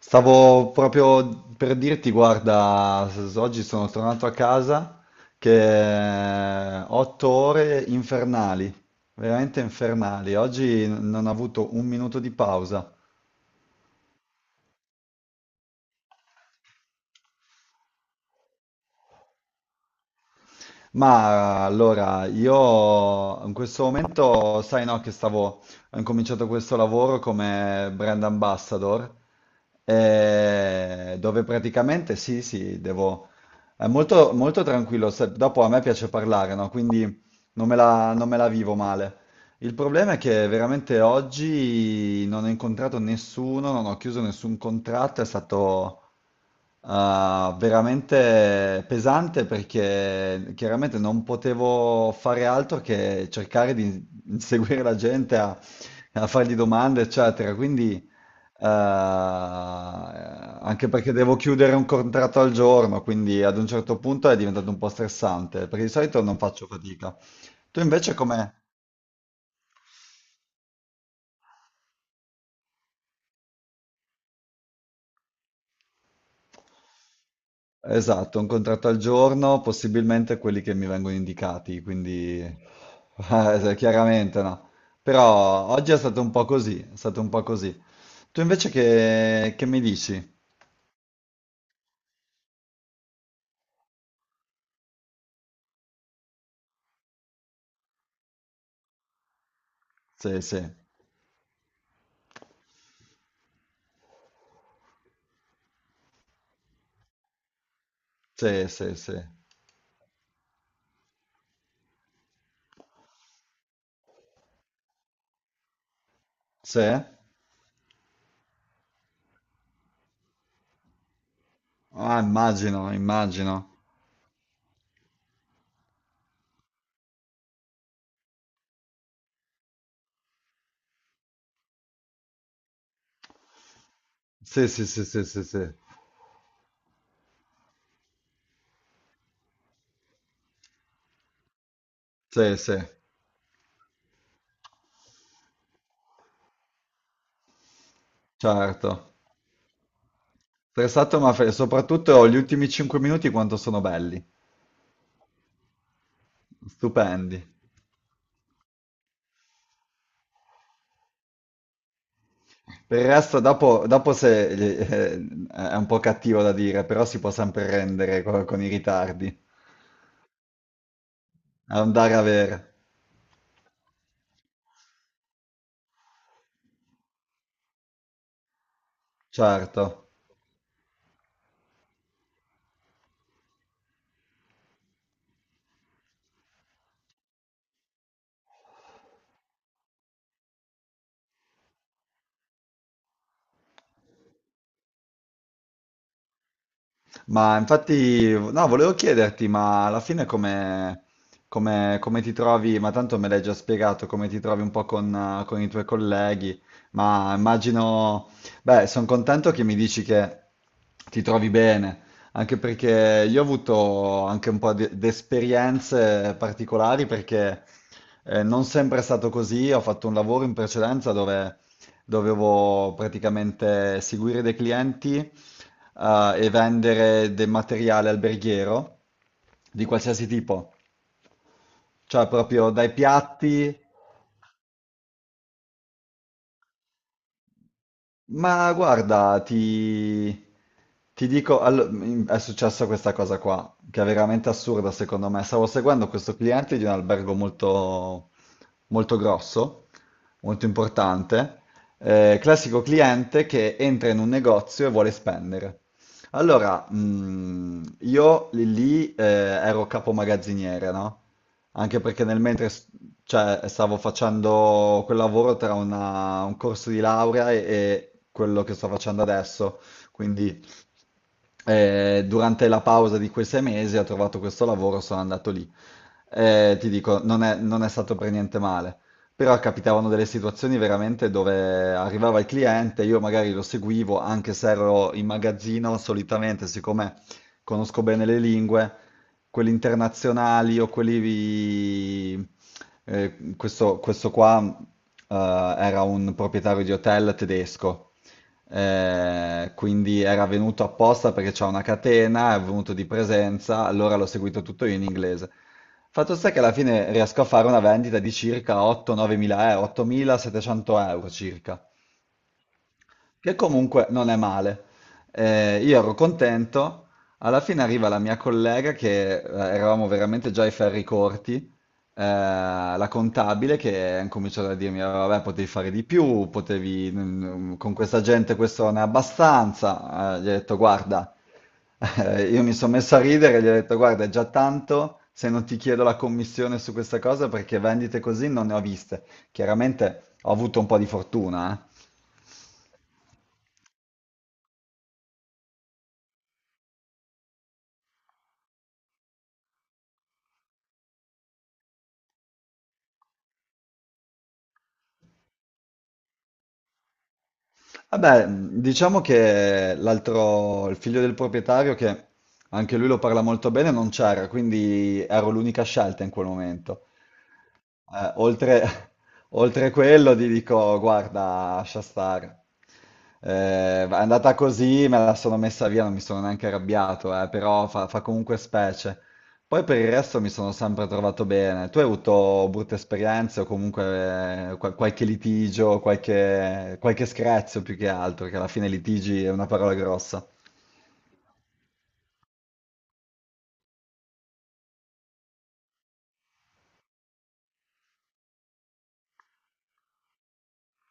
Stavo proprio per dirti, guarda, oggi sono tornato a casa che otto ore infernali, veramente infernali. Oggi non ho avuto un minuto di pausa. Ma allora, io in questo momento, sai no, che ho incominciato questo lavoro come brand ambassador, dove praticamente sì, sì, devo... È molto, molto tranquillo, dopo a me piace parlare, no? Quindi non me la vivo male. Il problema è che veramente oggi non ho incontrato nessuno, non ho chiuso nessun contratto, è stato... Ah, veramente pesante perché chiaramente non potevo fare altro che cercare di inseguire la gente a fargli domande, eccetera. Quindi, anche perché devo chiudere un contratto al giorno, quindi ad un certo punto è diventato un po' stressante, perché di solito non faccio fatica. Tu invece come? Esatto, un contratto al giorno, possibilmente quelli che mi vengono indicati, quindi chiaramente no. Però oggi è stato un po' così, è stato un po' così. Tu invece che mi dici? Sì, sì, sì, sì, sì. Sì? Ah, immagino, immagino. Sì, sì, sì, sì, sì, sì. Sì, sì, certo. Stressato ma soprattutto gli ultimi 5 minuti quanto sono belli, stupendi. Per il resto, dopo se, è un po' cattivo da dire, però si può sempre rendere con, i ritardi. Andare a vera, certo. Ma infatti, no, volevo chiederti, ma alla fine come ti trovi? Ma tanto me l'hai già spiegato, come ti trovi un po' con i tuoi colleghi, ma immagino, beh, sono contento che mi dici che ti trovi bene, anche perché io ho avuto anche un po' di esperienze particolari perché non sempre è stato così, ho fatto un lavoro in precedenza dove dovevo praticamente seguire dei clienti e vendere del materiale alberghiero di qualsiasi tipo, cioè proprio dai piatti. Ma guarda, ti dico, è successa questa cosa qua, che è veramente assurda secondo me. Stavo seguendo questo cliente di un albergo molto, molto grosso, molto importante, classico cliente che entra in un negozio e vuole spendere. Allora, io lì, ero capo magazziniere, no? Anche perché nel mentre cioè stavo facendo quel lavoro tra un corso di laurea e quello che sto facendo adesso, quindi durante la pausa di quei sei mesi ho trovato questo lavoro, sono andato lì. Ti dico, non è stato per niente male, però capitavano delle situazioni veramente dove arrivava il cliente, io magari lo seguivo anche se ero in magazzino, solitamente, siccome conosco bene le lingue, quelli internazionali o quelli... questo, questo qua, eh, era un proprietario di hotel tedesco, quindi era venuto apposta perché c'è una catena, è venuto di presenza, allora l'ho seguito tutto io in inglese. Fatto sta che alla fine riesco a fare una vendita di circa 8-9 mila euro, 8.700 euro circa, che comunque non è male. Io ero contento, alla fine arriva la mia collega che eravamo veramente già ai ferri corti, la contabile che ha cominciato a dirmi, "Ah, vabbè, potevi fare di più, con questa gente questo non è abbastanza. Gli ho detto, guarda, io mi sono messo a ridere, gli ho detto, guarda, è già tanto se non ti chiedo la commissione su questa cosa perché vendite così non ne ho viste. Chiaramente ho avuto un po' di fortuna, eh. Vabbè, diciamo che l'altro, il figlio del proprietario, che anche lui lo parla molto bene, non c'era, quindi ero l'unica scelta in quel momento. Eh, oltre, oltre quello ti dico, guarda, lascia stare. È andata così, me la sono messa via, non mi sono neanche arrabbiato, però fa comunque specie. Poi per il resto mi sono sempre trovato bene. Tu hai avuto brutte esperienze o comunque qualche litigio, qualche screzio più che altro, che alla fine litigi è una parola grossa.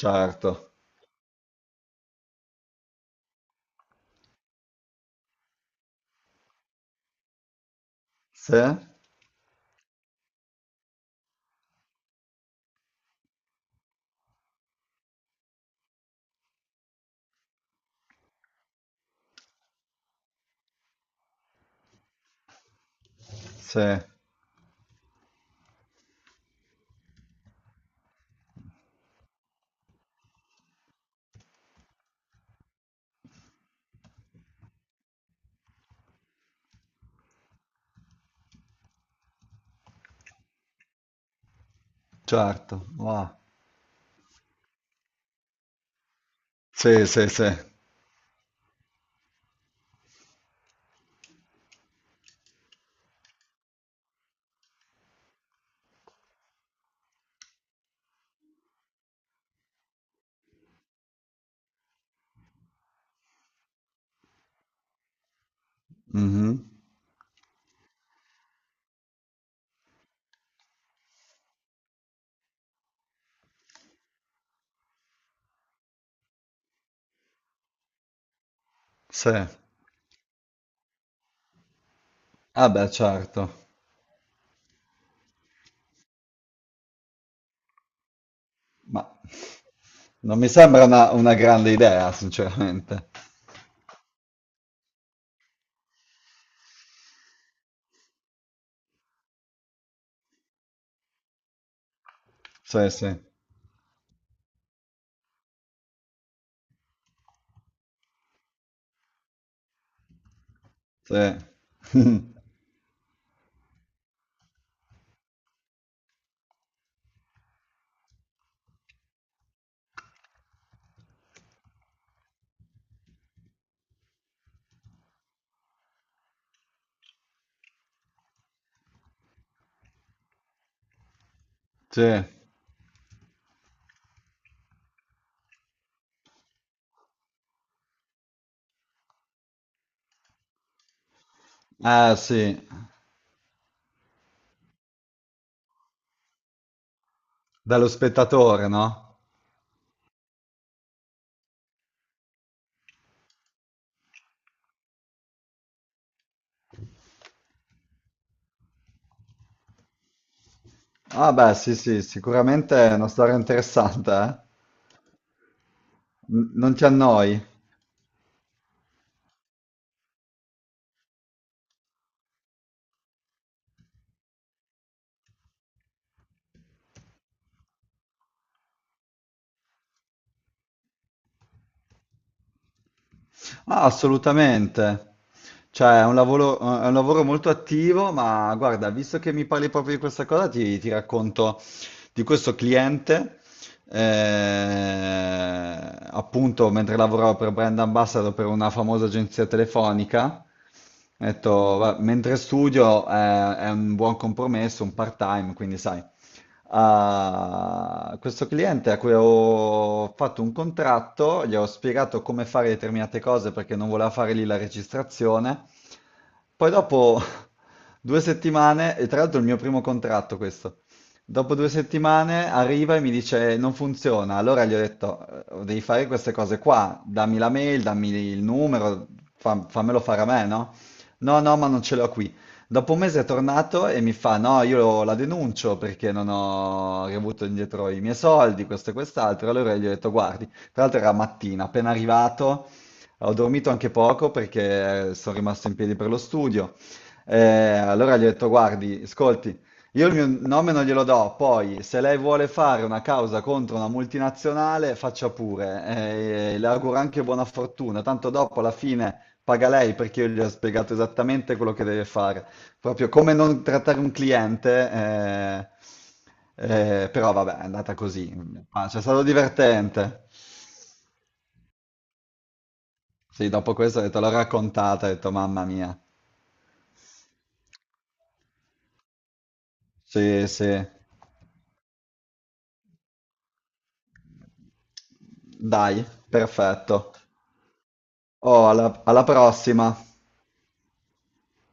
Certo. Sì? Sì, certo. Wow. Sì, sì, sì. Mhm. Sì. Ah beh, certo, ma non mi sembra una grande idea, sinceramente. Sì, sì, sì. Sì. Ah sì, dallo spettatore, no? Ah beh, sì, sì, sicuramente è una storia interessante, eh? Non ti annoi? Ah, assolutamente. Cioè, è un lavoro molto attivo, ma guarda, visto che mi parli proprio di questa cosa, ti racconto di questo cliente. Eh, appunto, mentre lavoravo per brand ambassador per una famosa agenzia telefonica, ho detto, mentre studio, è un buon compromesso, un part-time, quindi sai, a questo cliente a cui ho fatto un contratto, gli ho spiegato come fare determinate cose perché non voleva fare lì la registrazione poi dopo due settimane, e tra l'altro è il mio primo contratto questo, dopo due settimane arriva e mi dice non funziona, allora gli ho detto devi fare queste cose qua, dammi la mail, dammi il numero, fammelo fare a me, no? No, no, ma non ce l'ho qui. Dopo un mese è tornato e mi fa no, io la denuncio perché non ho riavuto indietro i miei soldi, questo e quest'altro, allora gli ho detto guardi, tra l'altro era mattina, appena arrivato. Ho dormito anche poco perché sono rimasto in piedi per lo studio. Allora gli ho detto, guardi, ascolti, io il mio nome non glielo do, poi se lei vuole fare una causa contro una multinazionale, faccia pure. Le auguro anche buona fortuna, tanto dopo alla fine paga lei perché io gli ho spiegato esattamente quello che deve fare. Proprio come non trattare un cliente, però vabbè, è andata così. Ma c'è stato divertente. Sì, dopo questo ho detto, l'ho raccontata, ho detto, mamma mia. Sì, sì. Dai, perfetto. Oh, alla prossima.